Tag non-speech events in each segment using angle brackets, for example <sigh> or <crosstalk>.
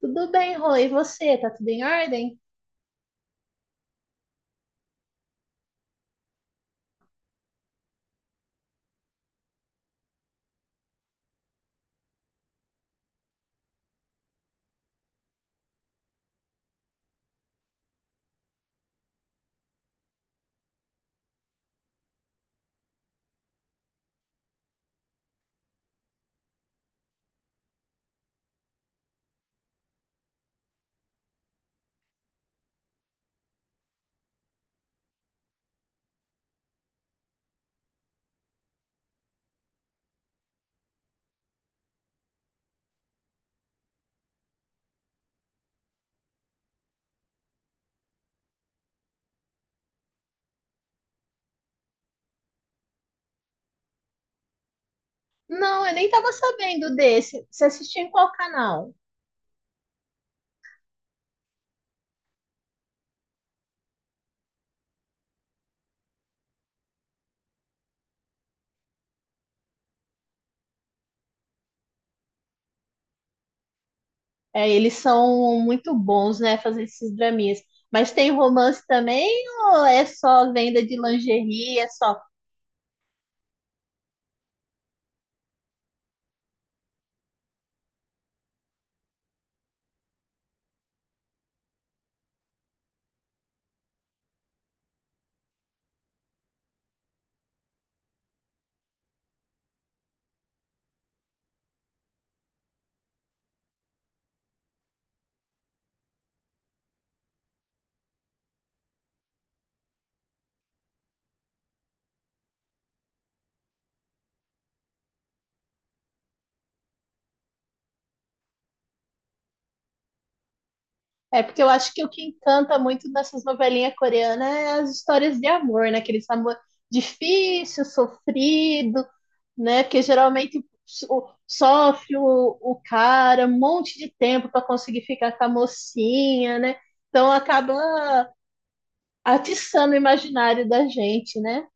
Tudo bem, Rô, e você? Tá tudo em ordem? Não, eu nem tava sabendo desse. Você assistiu em qual canal? É, eles são muito bons, né, fazer esses draminhas. Mas tem romance também ou é só venda de lingerie, é só... É, porque eu acho que o que encanta muito nessas novelinhas coreanas é as histórias de amor, né? Aquele amor difícil, sofrido, né? Porque geralmente sofre o cara um monte de tempo para conseguir ficar com a mocinha, né? Então acaba atiçando o imaginário da gente, né?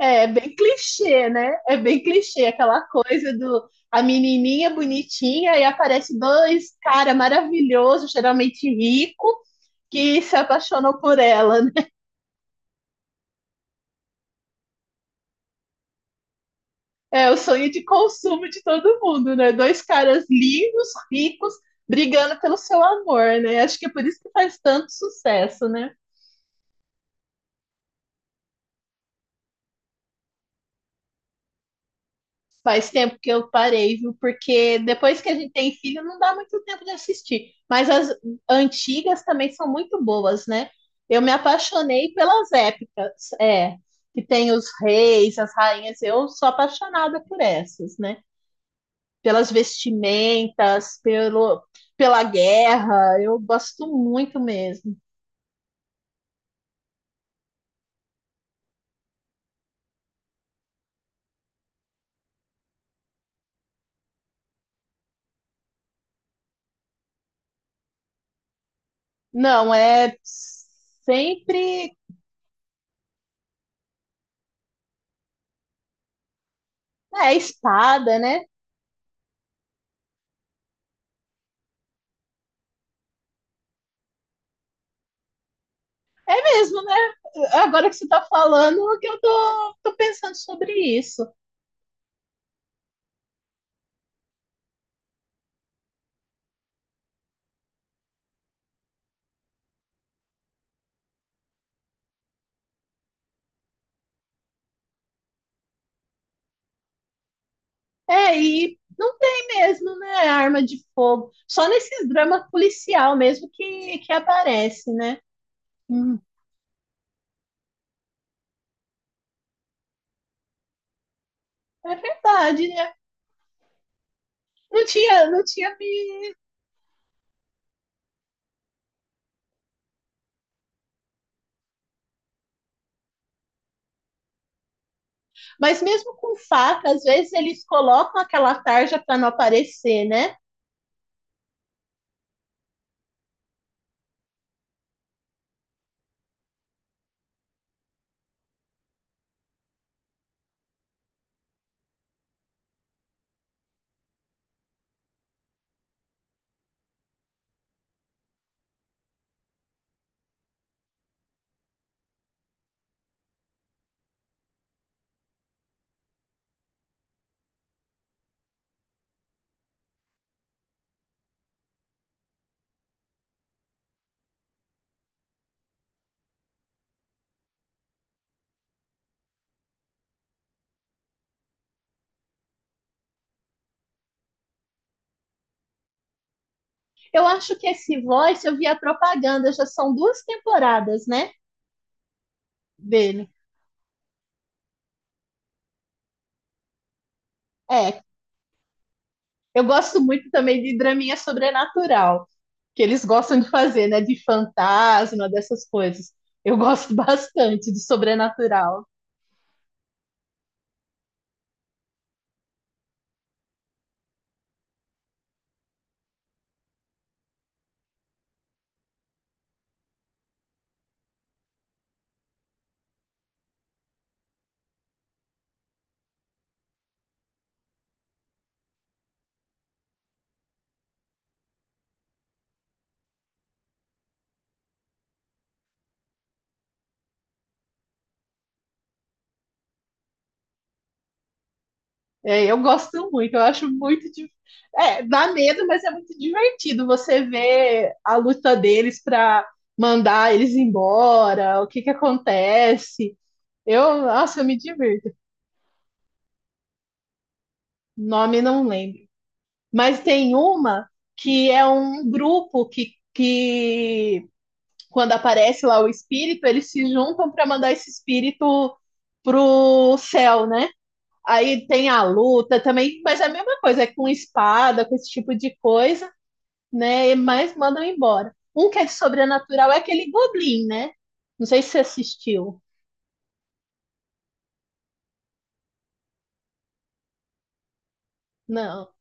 É, é bem clichê, né? É bem clichê aquela coisa do a menininha bonitinha e aparece dois cara maravilhoso, geralmente rico que se apaixonam por ela, né? É o sonho de consumo de todo mundo, né? Dois caras lindos, ricos, brigando pelo seu amor, né? Acho que é por isso que faz tanto sucesso, né? Faz tempo que eu parei, viu? Porque depois que a gente tem filho, não dá muito tempo de assistir. Mas as antigas também são muito boas, né? Eu me apaixonei pelas épicas, é, que tem os reis, as rainhas. Eu sou apaixonada por essas, né? Pelas vestimentas, pelo, pela guerra. Eu gosto muito mesmo. Não, é sempre é espada, né? É mesmo, né? Agora que você tá falando, que eu tô pensando sobre isso. É, e não tem mesmo, né? Arma de fogo. Só nesses dramas policial mesmo que aparece, né? Hum, é verdade, né? Não tinha, não tinha me... Mas mesmo com faca, às vezes eles colocam aquela tarja para não aparecer, né? Eu acho que esse Voice, eu vi a propaganda, já são duas temporadas, né? Dele. É, eu gosto muito também de draminha sobrenatural, que eles gostam de fazer, né? De fantasma, dessas coisas. Eu gosto <laughs> bastante de sobrenatural. É, eu gosto muito, eu acho muito. É, dá medo, mas é muito divertido você ver a luta deles para mandar eles embora, o que que acontece. Eu, nossa, eu me divirto. Nome não lembro. Mas tem uma que é um grupo que quando aparece lá o espírito, eles se juntam para mandar esse espírito pro céu, né? Aí tem a luta também, mas é a mesma coisa, é com espada, com esse tipo de coisa, né? Mas mandam embora. Um que é sobrenatural é aquele Goblin, né? Não sei se você assistiu. Não.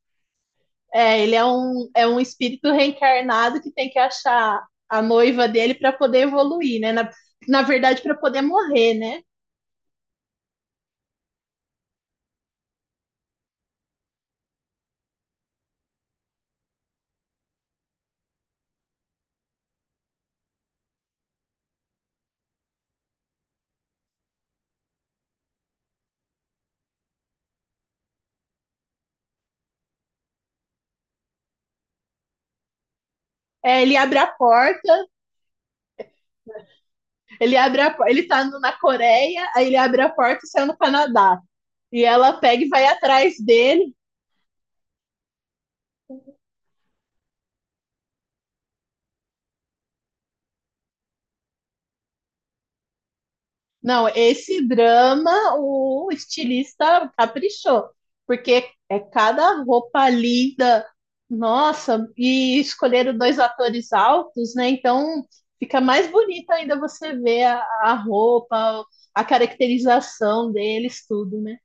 É, ele é um espírito reencarnado que tem que achar a noiva dele para poder evoluir, né? Na, na verdade, para poder morrer, né? É, ele abre a porta, ele abre ele na Coreia, aí ele abre a porta e sai no Canadá. E ela pega e vai atrás dele. Não, esse drama o estilista caprichou, porque é cada roupa linda, nossa, e escolheram dois atores altos, né? Então fica mais bonita ainda você ver a roupa, a caracterização deles, tudo, né?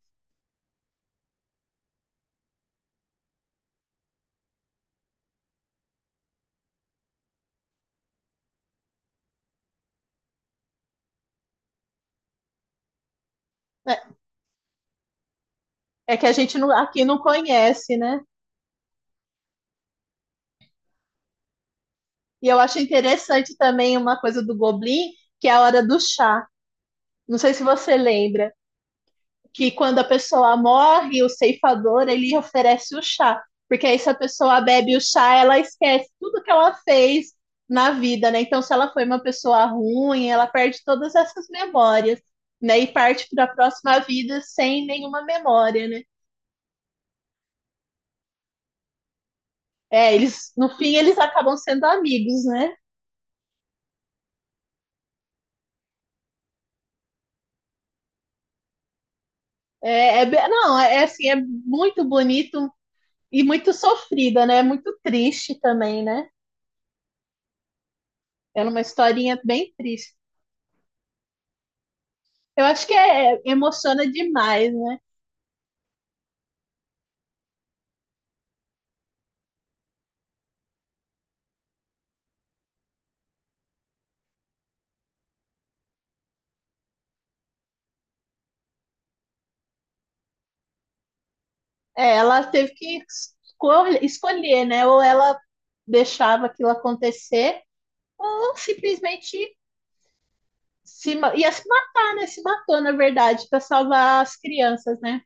É, é que a gente aqui não conhece, né? E eu acho interessante também uma coisa do Goblin, que é a hora do chá. Não sei se você lembra. Que quando a pessoa morre, o ceifador ele oferece o chá, porque aí se a pessoa bebe o chá, ela esquece tudo que ela fez na vida, né? Então, se ela foi uma pessoa ruim, ela perde todas essas memórias, né? E parte para a próxima vida sem nenhuma memória, né? É, eles, no fim, eles acabam sendo amigos, né? É, não, é assim, é muito bonito e muito sofrida, né? É muito triste também, né? É uma historinha bem triste. Eu acho que é, emociona demais, né? É, ela teve que escolher, né? Ou ela deixava aquilo acontecer, ou simplesmente se, ia se matar, né? Se matou, na verdade, para salvar as crianças, né?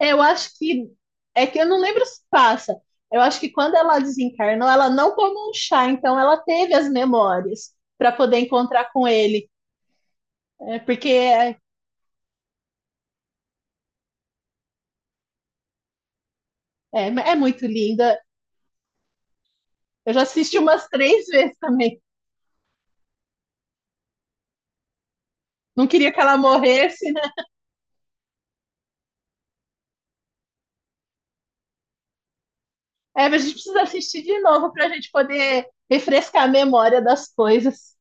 É, eu acho que... É que eu não lembro se passa. Eu acho que quando ela desencarnou, ela não tomou um chá, então ela teve as memórias para poder encontrar com ele. É, é muito linda. Eu já assisti umas três vezes também. Não queria que ela morresse, né? É, mas a gente precisa assistir de novo para a gente poder refrescar a memória das coisas.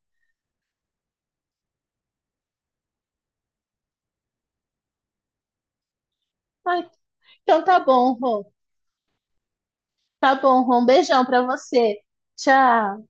Ai, então tá bom, Rô. Tá bom, Rô. Um beijão para você. Tchau.